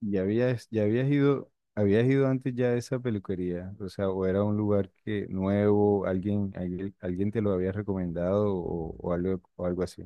Habías ido antes ya a esa peluquería, o sea, o era un lugar que nuevo, alguien te lo había recomendado o algo, o algo así.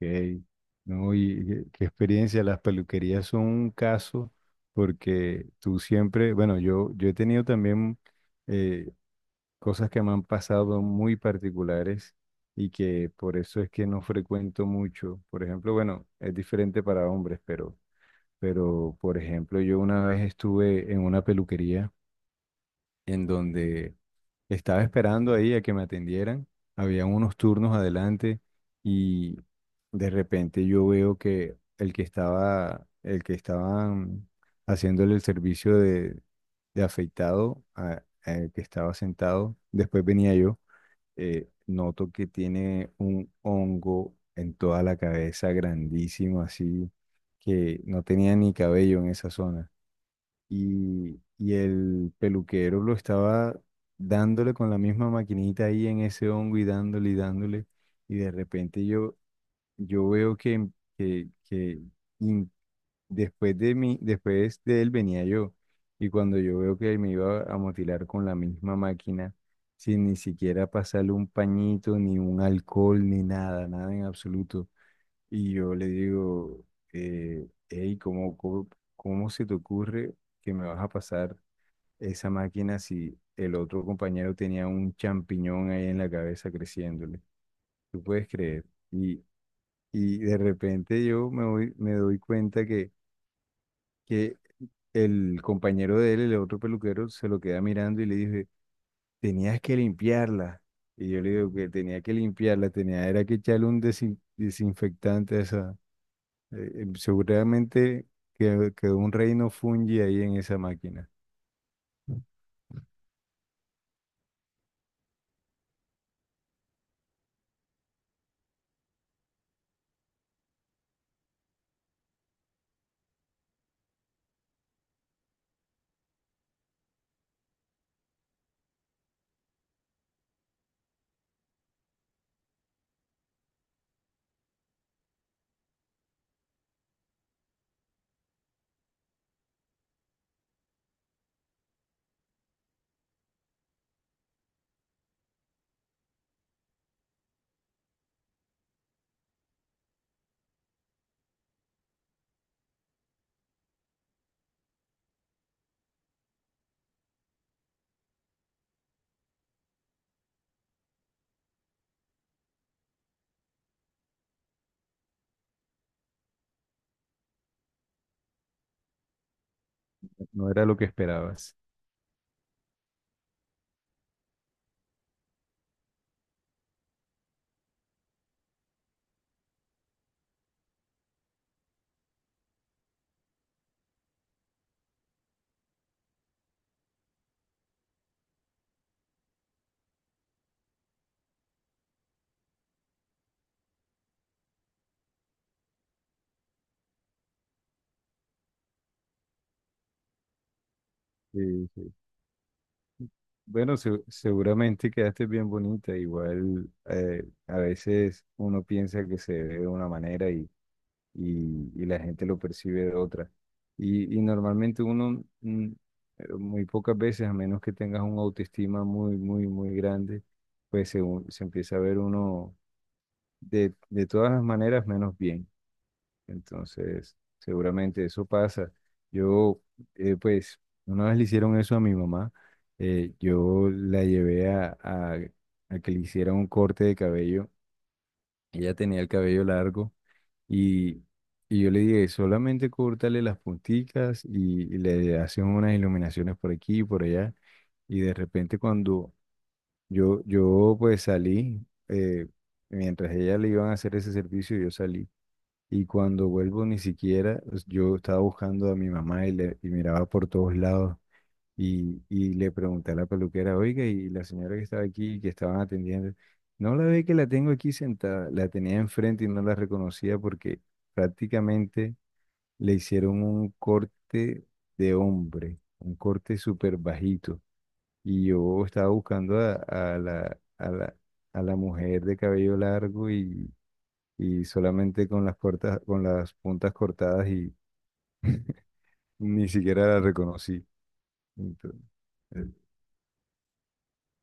Ok, no, y qué experiencia, las peluquerías son un caso porque tú siempre, bueno, yo he tenido también eh, cosas que me han pasado muy particulares y que por eso es que no frecuento mucho. Por ejemplo, bueno, es diferente para hombres, pero, por ejemplo, yo una vez estuve en una peluquería en donde estaba esperando ahí a que me atendieran. Había unos turnos adelante y de repente yo veo que el que estaban haciéndole el servicio de afeitado al que estaba sentado, después venía yo. Noto que tiene un hongo en toda la cabeza grandísimo, así que no tenía ni cabello en esa zona. Y el peluquero lo estaba dándole con la misma maquinita ahí en ese hongo y dándole y dándole. Y de repente yo veo que después de mí, después de él venía yo. Y cuando yo veo que me iba a mutilar con la misma máquina, sin ni siquiera pasarle un pañito, ni un alcohol, ni nada, nada en absoluto. Y yo le digo, hey, cómo se te ocurre que me vas a pasar esa máquina si el otro compañero tenía un champiñón ahí en la cabeza creciéndole? ¿Tú puedes creer? Y, y de repente me doy cuenta que que el compañero de él, el otro peluquero, se lo queda mirando y le dice, tenías que limpiarla. Y yo le digo que tenía que limpiarla, tenía era que echarle un desinfectante a esa. Seguramente quedó un reino fungi ahí en esa máquina. No era lo que esperabas. Sí, sí. Bueno, seguramente quedaste bien bonita. Igual a veces uno piensa que se ve de una manera y y la gente lo percibe de otra. Y normalmente uno, pero muy pocas veces, a menos que tengas un autoestima muy, muy, muy grande, pues se empieza a ver uno de todas las maneras menos bien. Entonces, seguramente eso pasa. Yo, pues, una vez le hicieron eso a mi mamá. Yo la llevé a que le hiciera un corte de cabello. Ella tenía el cabello largo y, y yo le dije, solamente córtale las punticas y le haces unas iluminaciones por aquí y por allá. Y de repente cuando yo pues salí, eh, mientras ella le iban a hacer ese servicio, yo salí. Y cuando vuelvo ni siquiera, pues, yo estaba buscando a mi mamá y miraba por todos lados. Y le pregunté a la peluquera, oiga, y la señora que estaba aquí, que estaban atendiendo, no la ve que la tengo aquí sentada, la tenía enfrente y no la reconocía porque prácticamente le hicieron un corte de hombre, un corte súper bajito. Y yo estaba buscando a la mujer de cabello largo y solamente con las cortas, con las puntas cortadas y ni siquiera la reconocí. Entonces,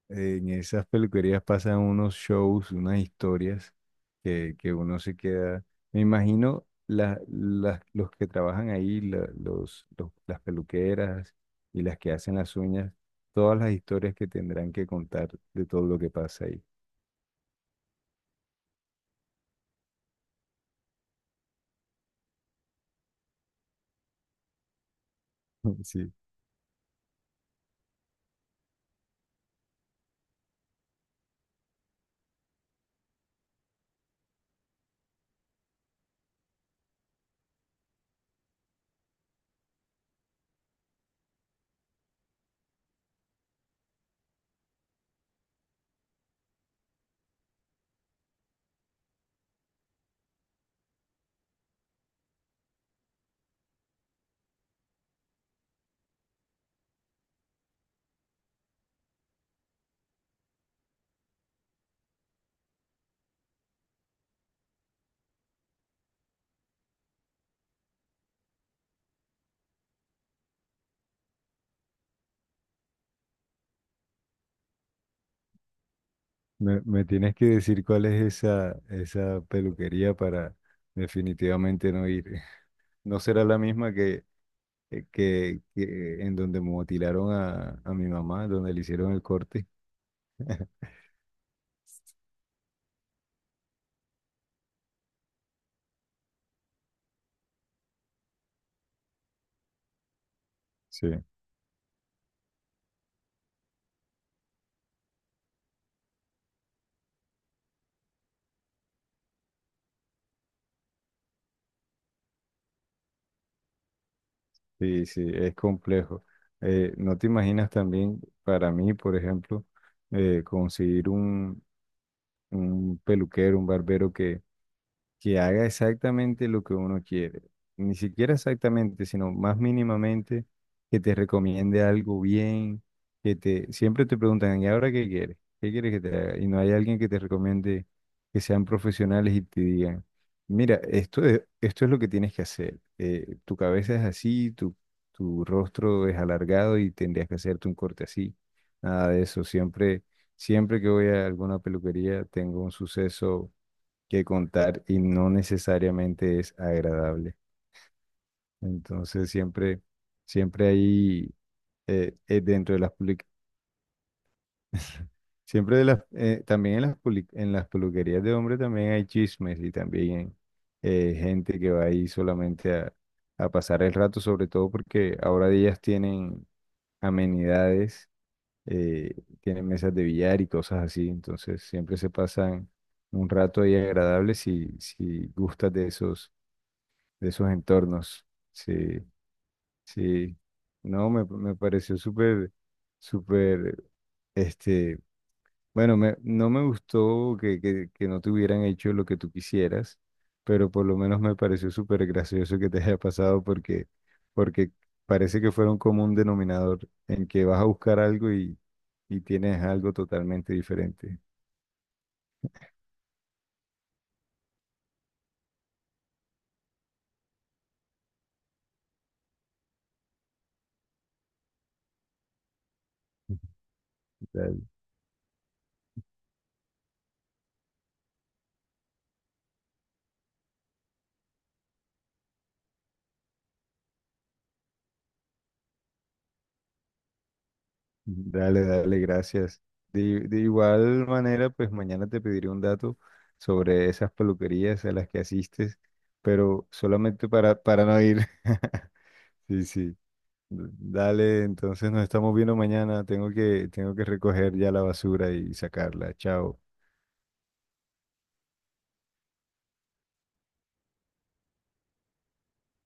en esas peluquerías pasan unos shows, unas historias que uno se queda. Me imagino los que trabajan ahí, las peluqueras y las que hacen las uñas, todas las historias que tendrán que contar de todo lo que pasa ahí. Sí, me tienes que decir cuál es esa peluquería para definitivamente no ir. No será la misma que en donde mutilaron a mi mamá, donde le hicieron el corte. Sí, sí, sí, es complejo. No te imaginas también, para mí, por ejemplo, conseguir un peluquero, un barbero que haga exactamente lo que uno quiere. Ni siquiera exactamente, sino más mínimamente, que te recomiende algo bien, que te, siempre te preguntan, ¿y ahora qué quieres? ¿Qué quieres que te haga? Y no hay alguien que te recomiende que sean profesionales y te digan, mira, esto es lo que tienes que hacer. Tu cabeza es así, tu rostro es alargado y tendrías que hacerte un corte así. Nada de eso. Siempre, siempre que voy a alguna peluquería, tengo un suceso que contar y no necesariamente es agradable. Entonces siempre, siempre hay dentro de las public- siempre de las también en las en las peluquerías de hombre también hay chismes y también gente que va ahí solamente a pasar el rato, sobre todo porque ahora ellas tienen amenidades, eh, tienen mesas de billar y cosas así, entonces siempre se pasan un rato ahí agradable si, si gustas de esos entornos. Sí, sí. No, me pareció súper, súper, este, bueno, no me gustó que no te hubieran hecho lo que tú quisieras, pero por lo menos me pareció súper gracioso que te haya pasado porque, porque parece que fuera un común denominador en que vas a buscar algo y tienes algo totalmente diferente. Dale, dale, gracias. De igual manera, pues mañana te pediré un dato sobre esas peluquerías a las que asistes, pero solamente para no ir. Sí, sí. Dale, entonces nos estamos viendo mañana. Tengo que recoger ya la basura y sacarla. Chao.